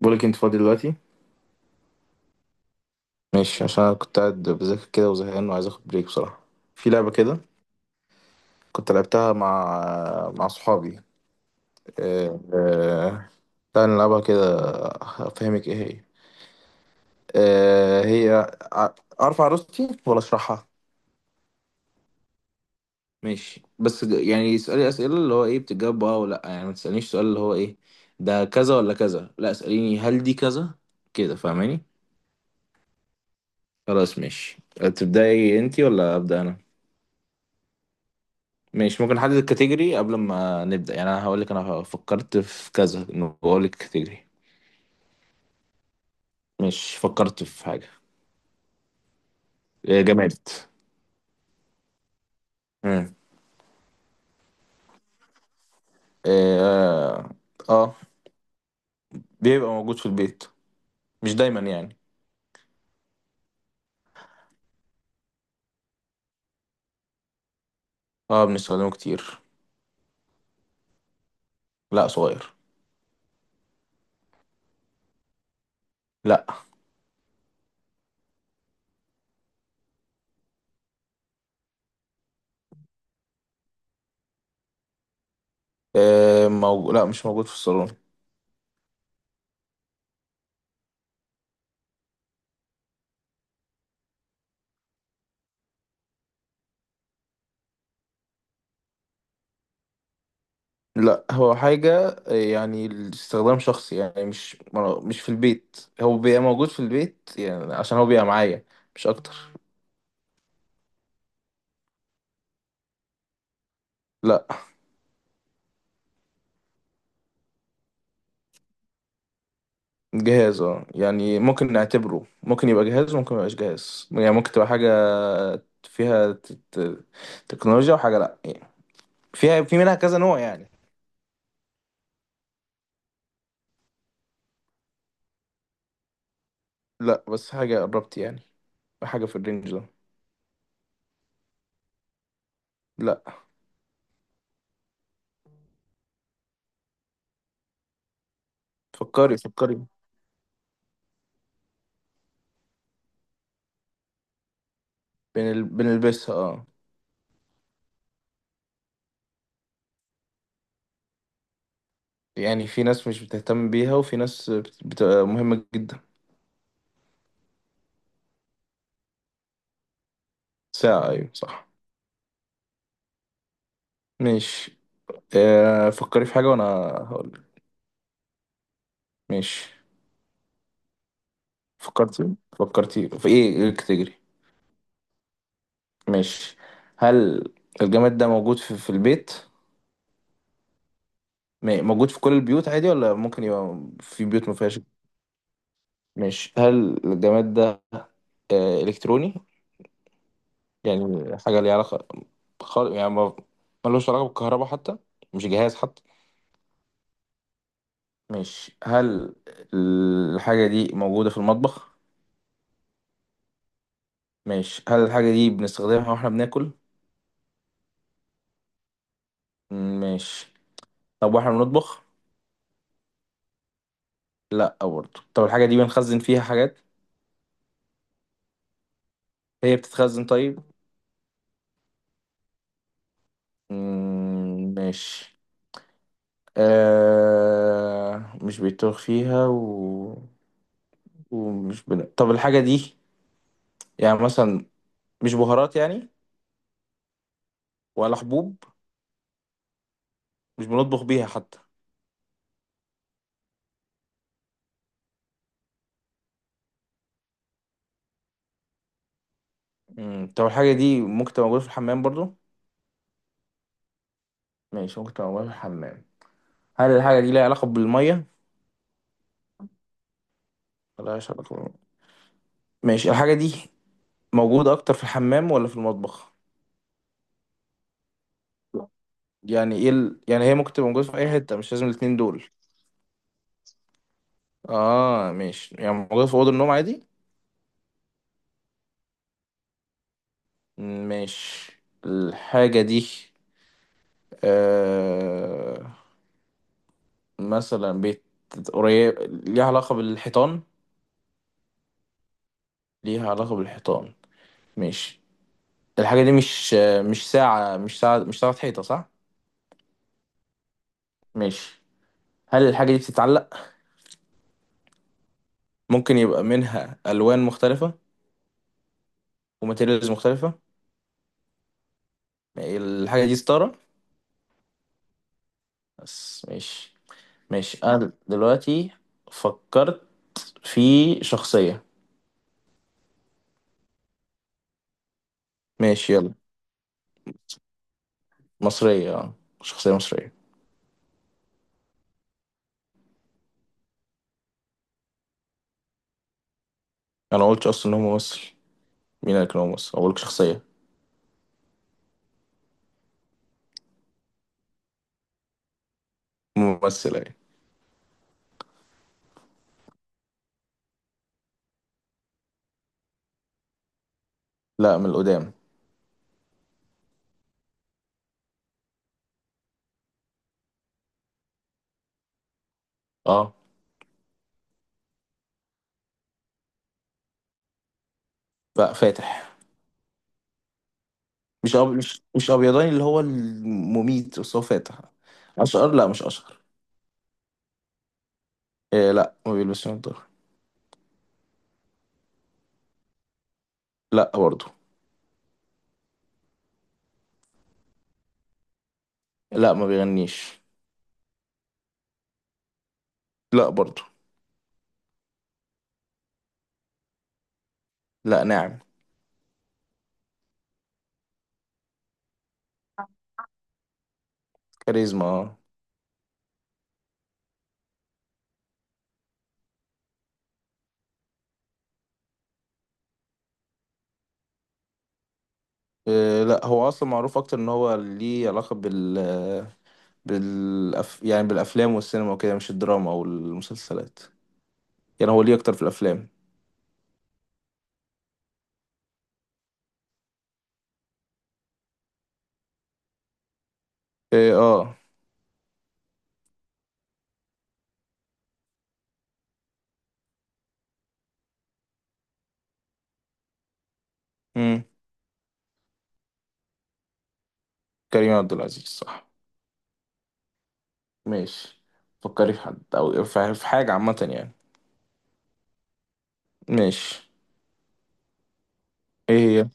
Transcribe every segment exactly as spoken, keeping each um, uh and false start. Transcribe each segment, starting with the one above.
بقولك انت فاضي دلوقتي؟ ماشي، عشان انا كنت قاعد بذاكر كده وزهقان وعايز اخد بريك بصراحة. في لعبة كده كنت لعبتها مع مع صحابي. أه... أه... تعالى نلعبها كده. افهمك ايه هي. أه... هي، ع- اعرف عروستي ولا اشرحها؟ ماشي، بس ج- يعني اسألي اسئلة اللي هو ايه بتجاوب اه ولا لأ. يعني ما تسألنيش سؤال اللي هو ايه ده، كذا ولا كذا. لا اسأليني هل دي كذا كده، فاهماني؟ خلاص ماشي. تبدأي انتي ولا أبدأ انا؟ ماشي، ممكن نحدد الكاتيجوري قبل ما نبدأ، يعني انا هقول لك انا فكرت في كذا، انه بقول لك كاتيجوري. مش فكرت في حاجة. إيه، جماد. مم. إيه، اه. آه، بيبقى موجود في البيت، مش دايما يعني. اه بنستخدمه كتير. لا صغير. لا. إيه، موجود، لا مش موجود في الصالون. لا هو حاجة إيه، يعني استخدام شخصي يعني، مش مش في البيت، هو بيبقى موجود في البيت يعني عشان هو بيبقى معايا، مش اكتر. لا. جهاز اه يعني، ممكن نعتبره، ممكن يبقى جهاز وممكن ميبقاش جهاز، يعني ممكن تبقى حاجة فيها ت- ت- تكنولوجيا، وحاجة لأ يعني، فيها، في منها كذا نوع يعني. لأ، بس حاجة قربت يعني، حاجة في الرينج ده. لأ. فكري فكري. بنل... بنلبسها اه. يعني في ناس مش بتهتم بيها، وفي ناس بت... بتبقى مهمة جدا. ساعة، أيوة صح. ماشي. آه، فكري في حاجة وأنا هقول. ماشي. فكرتي فكرتي في إيه، إيه الكاتيجوري؟ مش، هل الجماد ده موجود في, في البيت؟ م- موجود في كل البيوت عادي ولا ممكن يبقى في بيوت ما فيهاش؟ مش، هل الجماد ده آه، إلكتروني؟ يعني حاجة ليها علاقة، خال... يعني ما، ملوش علاقة بالكهرباء حتى، مش جهاز حتى. مش، هل الحاجة دي موجودة في المطبخ؟ مش، هل الحاجة دي بنستخدمها واحنا بناكل؟ مش، طب واحنا بنطبخ؟ لا برضه، طب الحاجة دي بنخزن فيها حاجات؟ هي بتتخزن طيب؟ مم، ماشي. آه، مش بيتوه فيها و... ومش بن... طب الحاجة دي، يعني مثلا مش بهارات يعني، ولا حبوب؟ مش بنطبخ بيها حتى؟ مم. طب الحاجة دي ممكن تبقى موجودة في الحمام برضو؟ ماشي، ممكن تبقى موجودة في الحمام. هل الحاجة دي ليها علاقة بالمية؟ ملهاش علاقة بالمية. ماشي، الحاجة دي موجودة أكتر في الحمام ولا في المطبخ؟ يعني ايه ال... يعني هي ممكن تبقى موجودة في أي حتة، مش لازم الاتنين دول. اه ماشي، يعني موجودة في أوضة النوم عادي؟ مش، الحاجة دي آه، مثلا بيت قريب، ليها علاقة بالحيطان؟ ليها علاقة بالحيطان. مش، الحاجة دي مش آه، مش ساعة، مش ساعة، مش ساعة حيطة صح؟ مش، هل الحاجة دي بتتعلق؟ ممكن يبقى منها ألوان مختلفة، وماتيريالز مختلفة. الحاجة دي ستارة. بس مش، مش أنا دلوقتي فكرت في شخصية. ماشي، يلا. مصرية آه، شخصية مصرية. انا قلت اصلا ان هو ممثل؟ مين قال لك ان هو ممثل، اقول لك شخصيه. ممثله يعني. لا من القدام. اه. لا فاتح. مش أب... مش، مش ابيضاني اللي هو المميت، بس هو فاتح. اشقر لا، مش اشقر. إيه لا، ما بيلبسش نضاره. لا برضو. لا ما بيغنيش. لا برضو. لا، ناعم. كاريزما اه. إيه لا، هو اصلا معروف اكتر ان هو ليه علاقه بال، بالأف... يعني بالافلام والسينما وكده، مش الدراما او المسلسلات، يعني هو ليه اكتر في الافلام. إيه اه. مم. كريم عبد العزيز صح. ماشي. فكري في حد او في في حاجة عامة يعني. ماشي. ايه هي؟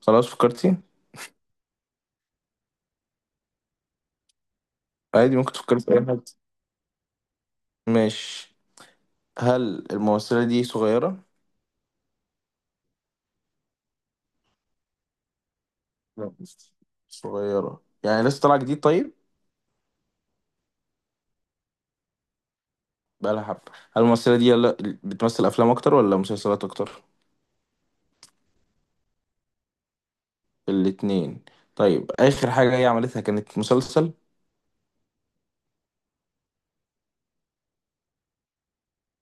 خلاص فكرتي؟ عادي ممكن تفكري في اي حاجة. ماشي. هل الممثلة دي صغيرة؟ لا مش، صغيرة يعني لسه طالعة جديد طيب؟ بقالها حبة. هل الممثلة دي، يلا، بتمثل أفلام أكتر ولا مسلسلات أكتر؟ الاتنين. طيب آخر حاجة هي عملتها كانت مسلسل؟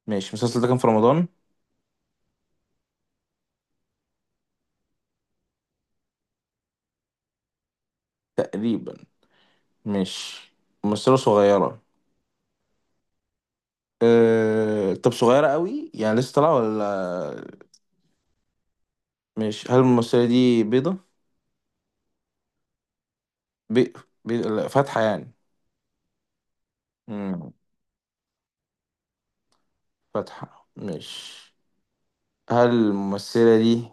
ماشي، المسلسل ده كان في رمضان؟ تقريبا. ماشي. ممثلة صغيرة. أه... طب صغيرة قوي يعني لسه طالعة ولا؟ مش، هل الممثلة دي بيضة؟ بي... بي... لا، فاتحة يعني. مم. فاتحة مش، هل الممثلة دي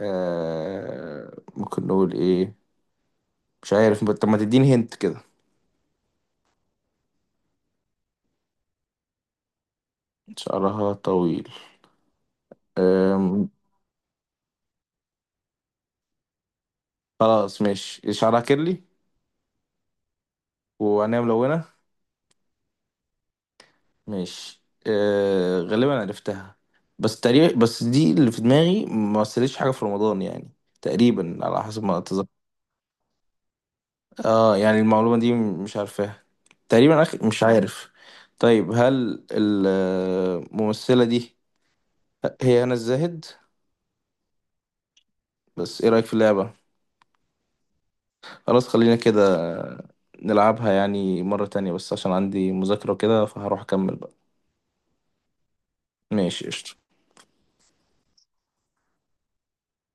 أه... ممكن نقول ايه، مش عارف؟ طب ما تديني هنت كده. شعرها طويل. أم... خلاص. مش شعرها كيرلي؟ وعينيها ملونة؟ مش، أه... غالبا عرفتها، بس تقريبا، بس دي اللي في دماغي ما مثلتش حاجة في رمضان يعني، تقريبا على حسب ما أتذكر. اه يعني المعلومة دي مش عارفاها. تقريبا أخ... مش عارف. طيب هل الممثلة دي هي هنا الزاهد؟ بس ايه رأيك في اللعبة؟ خلاص، خلينا كده، نلعبها يعني مرة تانية، بس عشان عندي مذاكرة وكده فهروح أكمل بقى. ماشي قشطة.